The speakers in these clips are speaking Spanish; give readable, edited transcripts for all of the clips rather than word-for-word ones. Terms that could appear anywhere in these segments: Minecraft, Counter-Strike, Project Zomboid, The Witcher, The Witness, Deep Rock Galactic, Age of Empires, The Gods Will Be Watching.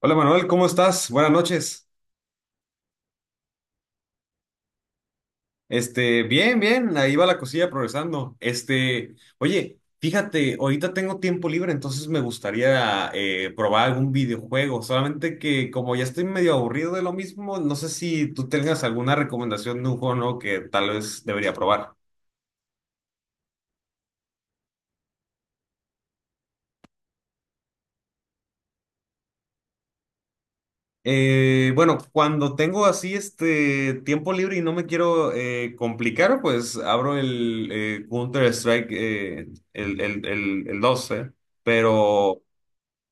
Hola Manuel, ¿cómo estás? Buenas noches. Bien, bien, ahí va la cosilla progresando. Este, oye, fíjate, ahorita tengo tiempo libre, entonces me gustaría probar algún videojuego, solamente que como ya estoy medio aburrido de lo mismo, no sé si tú tengas alguna recomendación de un juego nuevo que tal vez debería probar. Bueno, cuando tengo así este tiempo libre y no me quiero complicar, pues abro el Counter-Strike, el 12, pero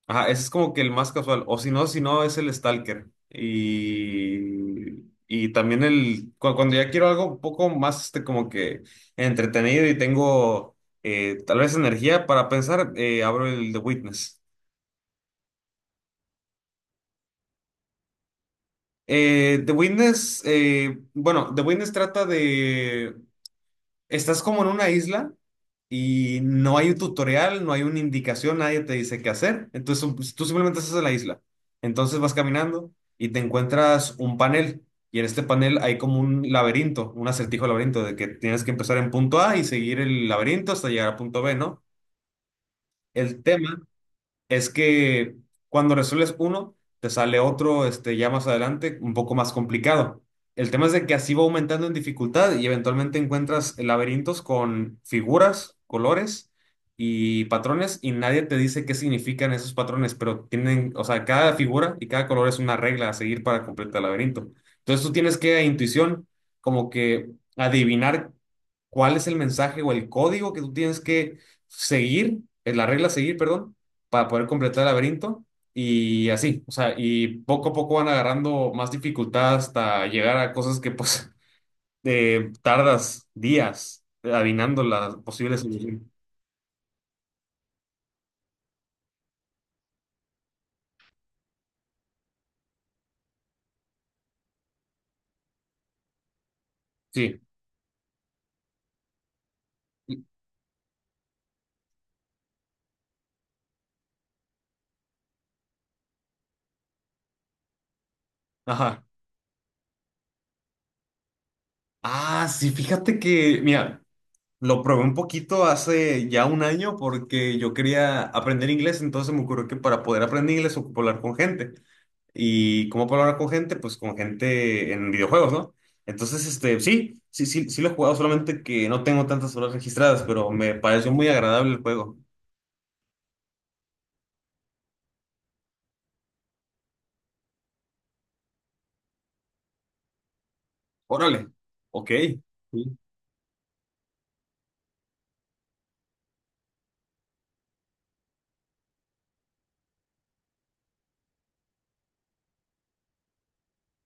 ajá, ese es como que el más casual, o si no, si no es el Stalker. Y también el, cuando ya quiero algo un poco más este, como que entretenido y tengo tal vez energía para pensar, abro el The Witness. The Witness, bueno, The Witness trata de, estás como en una isla y no hay un tutorial, no hay una indicación, nadie te dice qué hacer, entonces pues, tú simplemente estás en la isla. Entonces vas caminando y te encuentras un panel y en este panel hay como un laberinto, un acertijo laberinto de que tienes que empezar en punto A y seguir el laberinto hasta llegar a punto B, ¿no? El tema es que cuando resuelves uno, te sale otro, este, ya más adelante, un poco más complicado. El tema es de que así va aumentando en dificultad y eventualmente encuentras laberintos con figuras, colores y patrones y nadie te dice qué significan esos patrones, pero tienen, o sea, cada figura y cada color es una regla a seguir para completar el laberinto. Entonces tú tienes que a intuición, como que adivinar cuál es el mensaje o el código que tú tienes que seguir, es la regla a seguir, perdón, para poder completar el laberinto y así, o sea, y poco a poco van agarrando más dificultad hasta llegar a cosas que pues tardas días adivinando las posibles soluciones. Sí. Ajá. Ah, sí, fíjate que, mira, lo probé un poquito hace ya un año porque yo quería aprender inglés, entonces se me ocurrió que para poder aprender inglés ocupo hablar con gente. ¿Y cómo puedo hablar con gente? Pues con gente en videojuegos, ¿no? Entonces, este, sí lo he jugado, solamente que no tengo tantas horas registradas, pero me pareció muy agradable el juego. Órale, ok. Sí.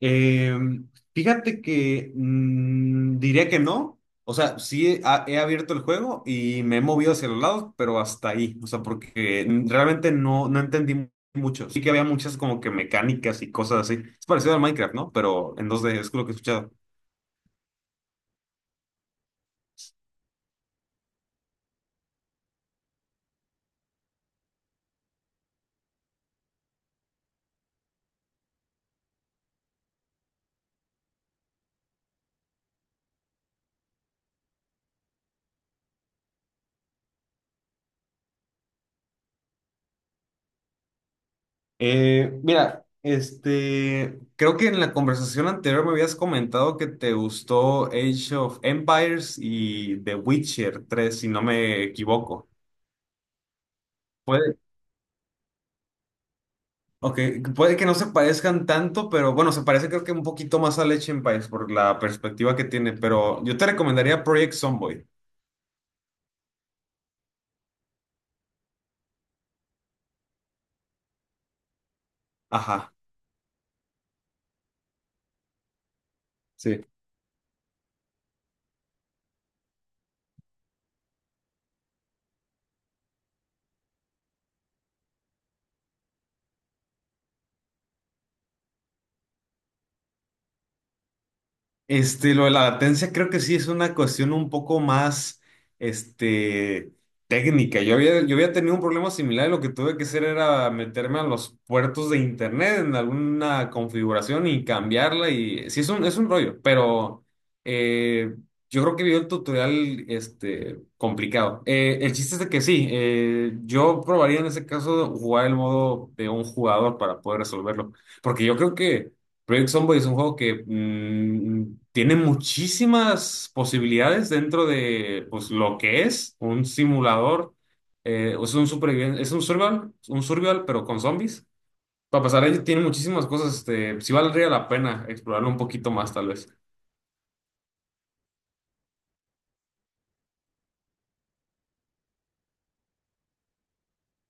Eh, Fíjate que diría que no. O sea, he abierto el juego y me he movido hacia los lados, pero hasta ahí. O sea, porque realmente no, no entendí mucho. Sí que había muchas como que mecánicas y cosas así. Es parecido al Minecraft, ¿no? Pero en dos d es lo que he escuchado. Mira, este, creo que en la conversación anterior me habías comentado que te gustó Age of Empires y The Witcher 3, si no me equivoco. Puede, ok, puede que no se parezcan tanto, pero bueno, se parece creo que un poquito más a Age of Empires por la perspectiva que tiene, pero yo te recomendaría Project Zomboid. Ajá. Sí. Este, lo de la latencia creo que sí es una cuestión un poco más, este, técnica. Yo había tenido un problema similar y lo que tuve que hacer era meterme a los puertos de internet en alguna configuración y cambiarla y sí es es un rollo, pero eh, yo creo que vi el tutorial, este, complicado. El chiste es de que sí, yo probaría en ese caso jugar el modo de un jugador para poder resolverlo, porque yo creo que... Project Zomboid es un juego que tiene muchísimas posibilidades dentro de pues, lo que es un simulador. Eh, es un superviviente, es un survival, pero con zombies. Para pasar ahí tiene muchísimas cosas, este, sí valdría la pena explorarlo un poquito más, tal vez.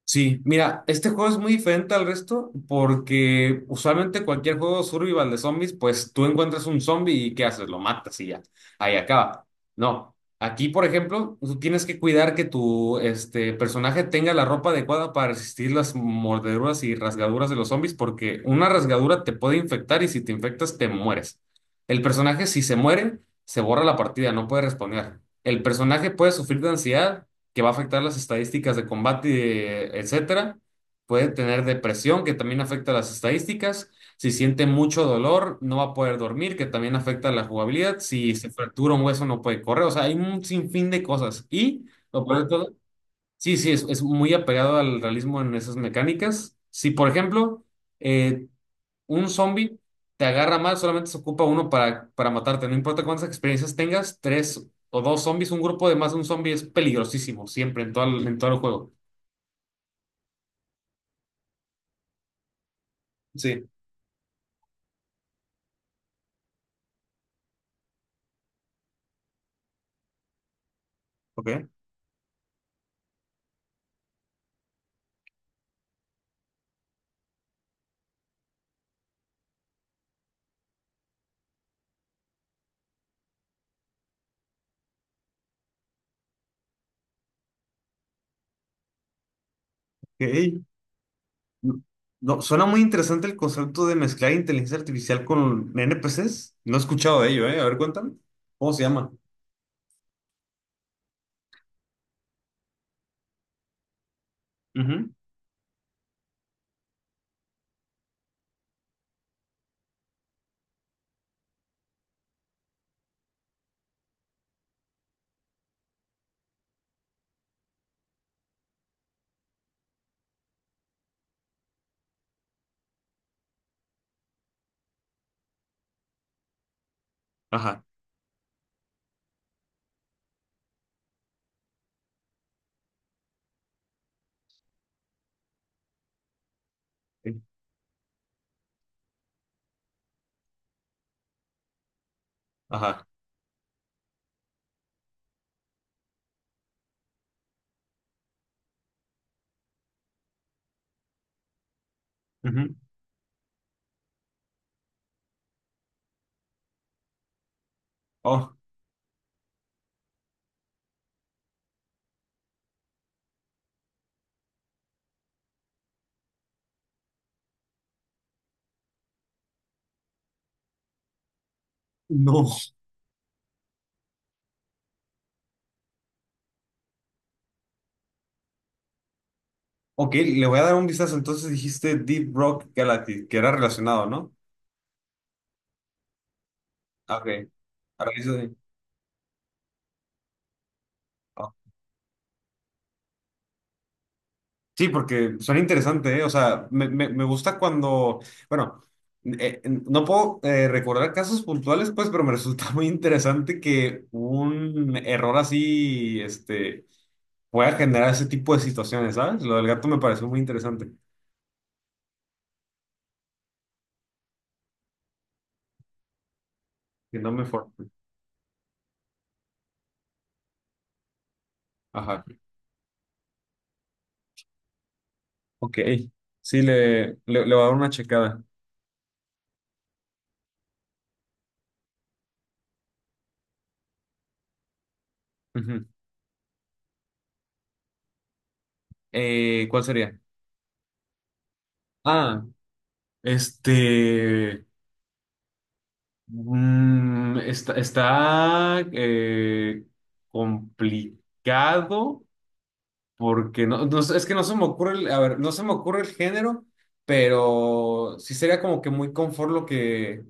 Sí, mira, este juego es muy diferente al resto porque usualmente cualquier juego survival de zombies, pues tú encuentras un zombie y ¿qué haces? Lo matas y ya, ahí acaba. No, aquí por ejemplo, tú tienes que cuidar que tu este, personaje tenga la ropa adecuada para resistir las mordeduras y rasgaduras de los zombies porque una rasgadura te puede infectar y si te infectas te mueres. El personaje si se muere, se borra la partida, no puede responder. El personaje puede sufrir de ansiedad que va a afectar las estadísticas de combate, etcétera. Puede tener depresión, que también afecta las estadísticas. Si siente mucho dolor, no va a poder dormir, que también afecta la jugabilidad. Si se fractura un hueso, no puede correr. O sea, hay un sinfín de cosas. Y, lo peor de todo, sí, sí, es muy apegado al realismo en esas mecánicas. Si, por ejemplo, eh, un zombie te agarra mal, solamente se ocupa uno para matarte. No importa cuántas experiencias tengas, tres o dos zombies, un grupo de más de un zombie es peligrosísimo, siempre, en todo el juego. Sí, ok. Ok. No, no, suena muy interesante el concepto de mezclar inteligencia artificial con NPCs. No he escuchado de ello, ¿eh? A ver, cuéntame. ¿Cómo se llama? Ujú. Ajá. eh, Ajá. Ujú. Oh, no. Ok, le voy a dar un vistazo. Entonces dijiste Deep Rock Galactic, que era relacionado, ¿no? Ok. Ahora sí. Oh, sí, porque suena interesante, ¿eh? O sea, me gusta cuando, bueno, no puedo recordar casos puntuales, pues, pero me resulta muy interesante que un error así, este, pueda generar ese tipo de situaciones, ¿sabes? Lo del gato me pareció muy interesante, que no me fue. Ajá. Ok, sí, le voy a dar una checada. Ujú. ¿Cuál sería? Ah, este... Mm, está, complicado porque no, no sé, es que no se me ocurre el, a ver, no se me ocurre el género, pero sí sería como que muy confort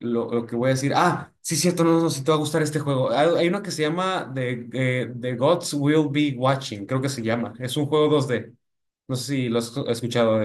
lo que voy a decir. Ah, sí, cierto, no, no, si te va a gustar este juego. Hay uno que se llama The Gods Will Be Watching, creo que se llama. Es un juego dos d. No sé si lo has escuchado.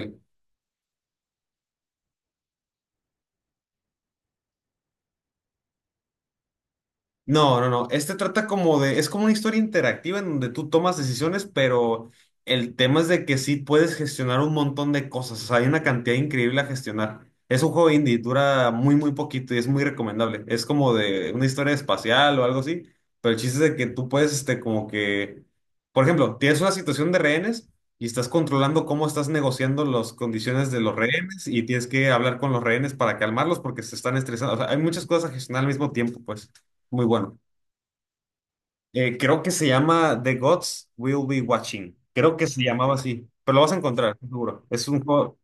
No, no, no. Este trata como de, es como una historia interactiva en donde tú tomas decisiones, pero el tema es de que sí puedes gestionar un montón de cosas. O sea, hay una cantidad increíble a gestionar. Es un juego indie, dura muy, muy poquito y es muy recomendable. Es como de una historia espacial o algo así, pero el chiste es de que tú puedes, este, como que, por ejemplo, tienes una situación de rehenes y estás controlando cómo estás negociando las condiciones de los rehenes y tienes que hablar con los rehenes para calmarlos porque se están estresando. O sea, hay muchas cosas a gestionar al mismo tiempo, pues. Muy bueno. Creo que se llama The Gods Will Be Watching. Creo que se llamaba así, pero lo vas a encontrar, estoy seguro. Es un juego.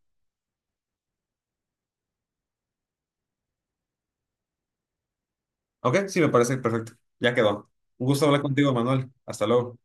Ok, sí, me parece perfecto. Ya quedó. Un gusto hablar contigo, Manuel. Hasta luego.